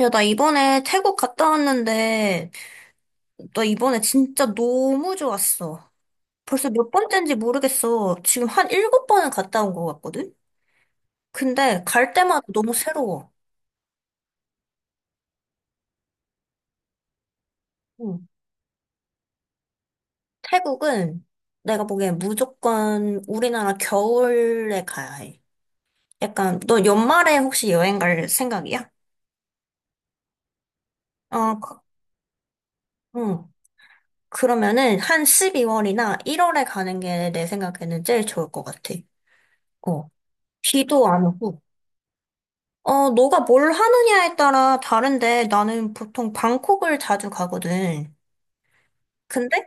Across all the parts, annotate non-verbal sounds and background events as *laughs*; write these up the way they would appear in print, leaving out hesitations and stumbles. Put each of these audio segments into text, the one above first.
야, 나 이번에 태국 갔다 왔는데, 나 이번에 진짜 너무 좋았어. 벌써 몇 번째인지 모르겠어. 지금 한 일곱 번은 갔다 온 것 같거든? 근데 갈 때마다 너무 새로워. 응. 태국은 내가 보기엔 무조건 우리나라 겨울에 가야 해. 약간, 너 연말에 혹시 여행 갈 생각이야? 어, 거- 응. 그러면은 한 12월이나 1월에 가는 게 내 생각에는 제일 좋을 것 같아. 어. 비도 안 오고. 너가 뭘 하느냐에 따라 다른데 나는 보통 방콕을 자주 가거든. 근데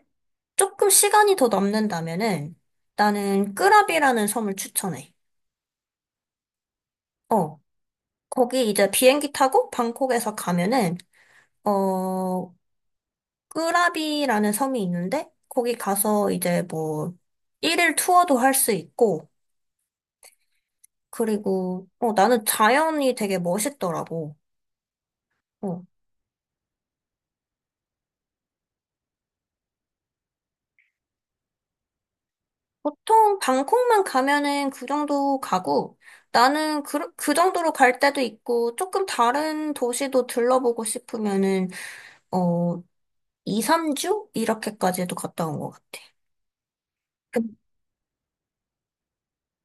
조금 시간이 더 남는다면은 나는 끄라비라는 섬을 추천해. 어, 거기 이제 비행기 타고 방콕에서 가면은 어, 끄라비라는 섬이 있는데 거기 가서 이제 뭐 일일 투어도 할 수 있고 그리고 나는 자연이 되게 멋있더라고. 어, 보통 방콕만 가면은 그 정도 가고 나는 그 정도로 갈 때도 있고 조금 다른 도시도 들러보고 싶으면은 어 2, 3주 이렇게까지도 갔다 온 것 같아.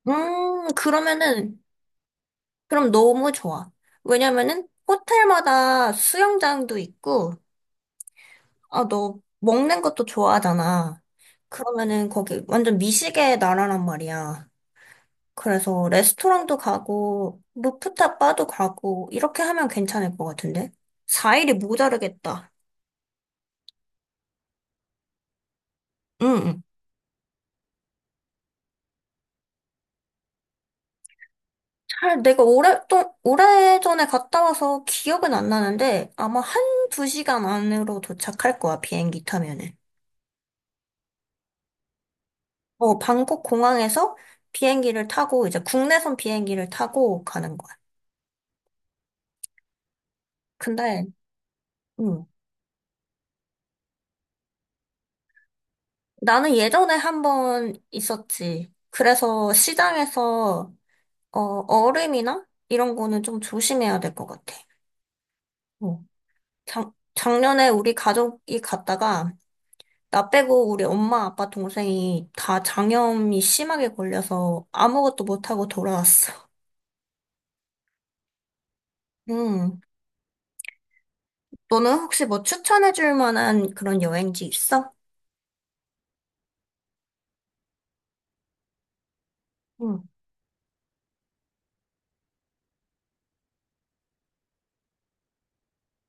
그러면은 그럼 너무 좋아. 왜냐면은 호텔마다 수영장도 있고 아, 너 먹는 것도 좋아하잖아. 그러면은 거기 완전 미식의 나라란 말이야. 그래서 레스토랑도 가고, 루프탑 바도 가고, 이렇게 하면 괜찮을 것 같은데? 4일이 모자르겠다. 응, 응. 잘, 내가 오래전에 갔다 와서 기억은 안 나는데, 아마 한 2시간 안으로 도착할 거야, 비행기 타면은. 방콕 공항에서 비행기를 타고, 이제 국내선 비행기를 타고 가는 거야. 근데, 음, 나는 예전에 1번 있었지. 그래서 시장에서 얼음이나 이런 거는 좀 조심해야 될 것 같아. 어. 작년에 우리 가족이 갔다가 나 빼고 우리 엄마, 아빠, 동생이 다 장염이 심하게 걸려서 아무것도 못하고 돌아왔어. 음. 너는 혹시 뭐 추천해줄 만한 그런 여행지 있어? 응.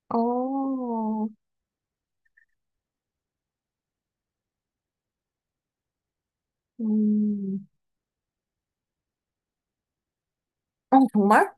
어, 음. 어, 정말?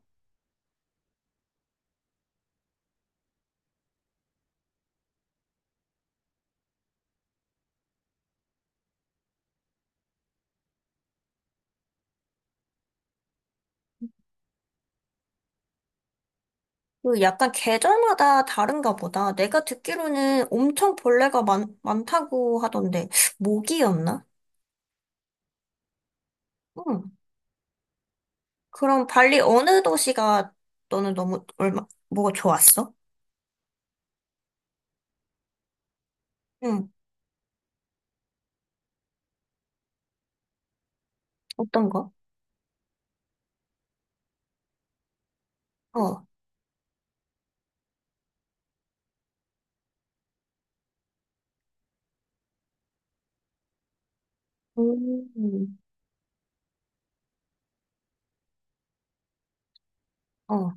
그 약간 계절마다 다른가 보다. 내가 듣기로는 엄청 벌레가 많다고 하던데, 모기였나? 응. 그럼 발리 어느 도시가 너는 너무 얼마 뭐가 좋았어? 응, 어떤 거? 어, 음, 어,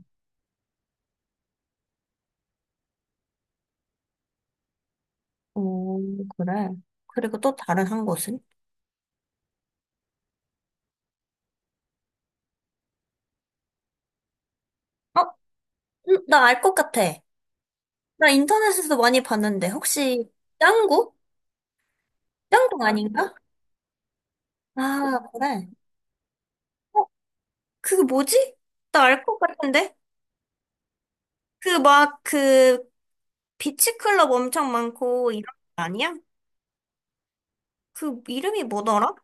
어, 그래. 그리고 또 다른 한 곳은? 어, 나알 것 같아. 나 인터넷에서 많이 봤는데 혹시 짱구? 짱구 아닌가? 아, 그래. 어, 그게 뭐지? 나 알 것 같은데? 그 막 그 비치클럽 엄청 많고 이런 거 아니야? 그 이름이 뭐더라?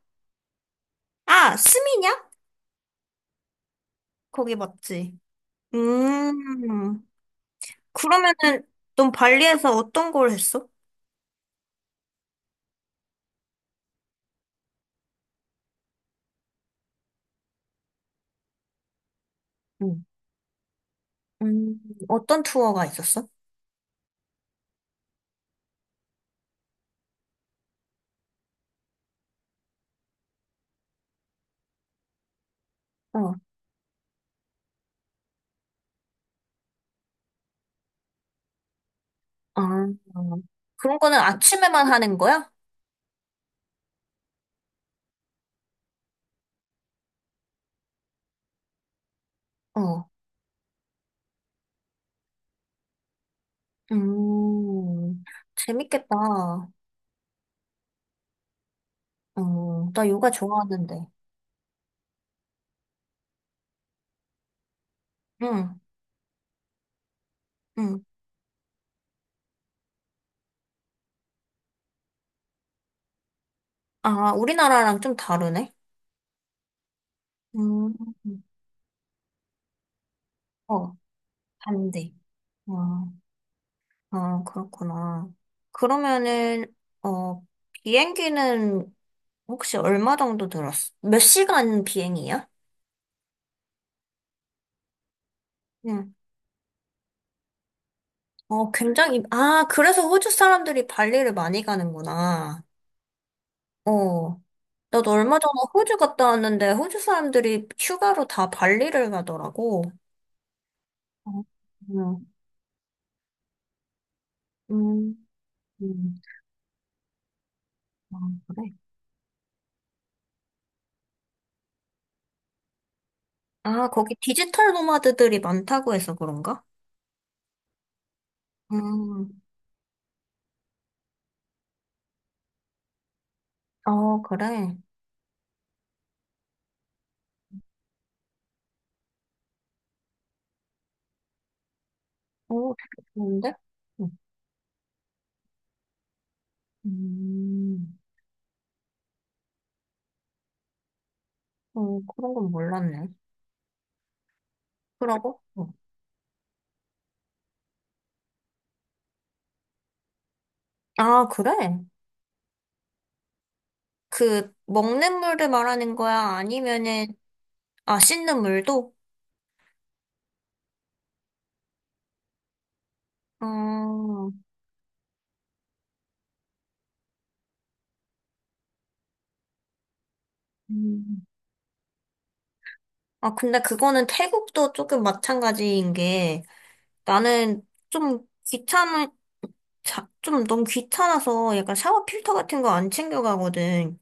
아, 스미냑? 거기 맞지? 음. 그러면은 넌 발리에서 어떤 걸 했어? 응. 음, 어떤 투어가 있었어? 어, 아, 그런 거는 아침에만 하는 거야? 어, 음, 재밌겠다. 나 요가 좋아하는데. 응, 응. 아, 우리나라랑 좀 다르네? 음, 어, 반대. 아, 아, 그렇구나. 그러면은, 어, 비행기는 혹시 얼마 정도 들었어? 몇 시간 비행이야? 응. 굉장히, 아, 그래서 호주 사람들이 발리를 많이 가는구나. 어. 나도 얼마 전에 호주 갔다 왔는데, 호주 사람들이 휴가로 다 발리를 가더라고. 어, 음, 음, 음. 아, 그래? 아, 거기 디지털 노마드들이 많다고 해서 그런가? 음, 어, 그래. 오, 되게 좋은데? 음, 음, 어, 그런 건 몰랐네. 그러고? 어. 아, 그래? 그 먹는 물을 말하는 거야? 아니면은 아 씻는 물도? 어, 음. 아 근데 그거는 태국도 조금 마찬가지인 게 나는 좀 귀찮은 좀 너무 귀찮아서 약간 샤워 필터 같은 거 안 챙겨가거든.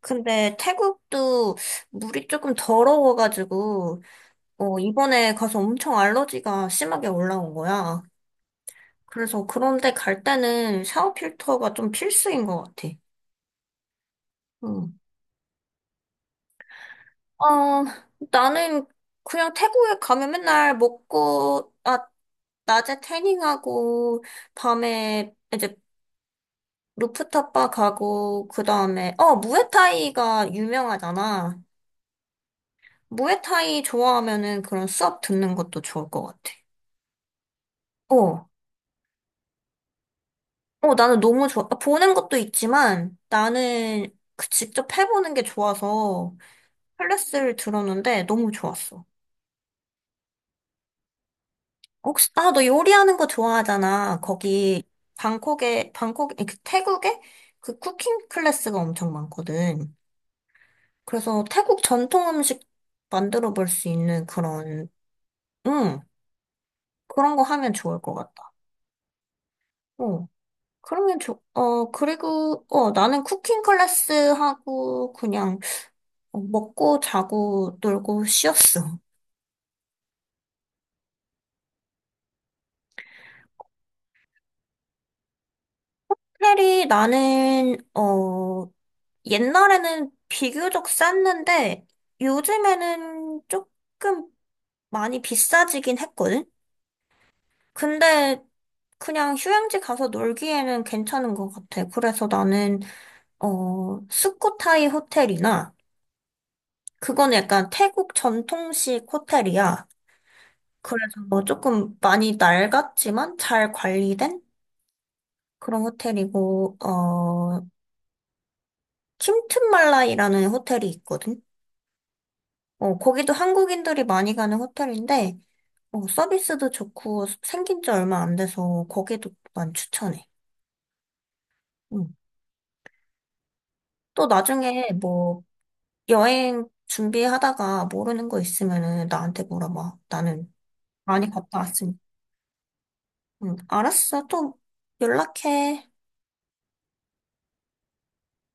근데 태국도 물이 조금 더러워가지고 이번에 가서 엄청 알러지가 심하게 올라온 거야. 그래서 그런데 갈 때는 샤워 필터가 좀 필수인 것 같아. 응. 어, 나는 그냥 태국에 가면 맨날 먹고, 아, 낮에 태닝하고, 밤에 이제 루프탑 바 가고, 그 다음에, 무에타이가 유명하잖아. 무에타이 좋아하면은 그런 수업 듣는 것도 좋을 것 같아. 어, 나는 너무 좋아. 아, 보는 것도 있지만, 나는 그 직접 해보는 게 좋아서 클래스를 들었는데 너무 좋았어. 혹시, 아, 너 요리하는 거 좋아하잖아. 거기, 방콕에, 방콕, 아니, 그 태국에 그 쿠킹 클래스가 엄청 많거든. 그래서 태국 전통 음식 만들어 볼 수 있는 그런, 응, 그런 거 하면 좋을 것 같다. 어, 그리고, 나는 쿠킹 클래스 하고, 그냥, 먹고, 자고, 놀고, 쉬었어. *laughs* 특별히 나는, 옛날에는 비교적 쌌는데 요즘에는 조금 많이 비싸지긴 했거든? 근데 그냥 휴양지 가서 놀기에는 괜찮은 것 같아. 그래서 나는, 스코타이 호텔이나, 그거는 약간 태국 전통식 호텔이야. 그래서 뭐 조금 많이 낡았지만 잘 관리된 그런 호텔이고, 킴튼말라이라는 호텔이 있거든? 거기도 한국인들이 많이 가는 호텔인데, 서비스도 좋고 생긴 지 얼마 안 돼서 거기도 난 추천해. 응. 또 나중에 뭐 여행 준비하다가 모르는 거 있으면은 나한테 물어봐. 나는 많이 갔다 왔으니. 응. 알았어. 또 연락해.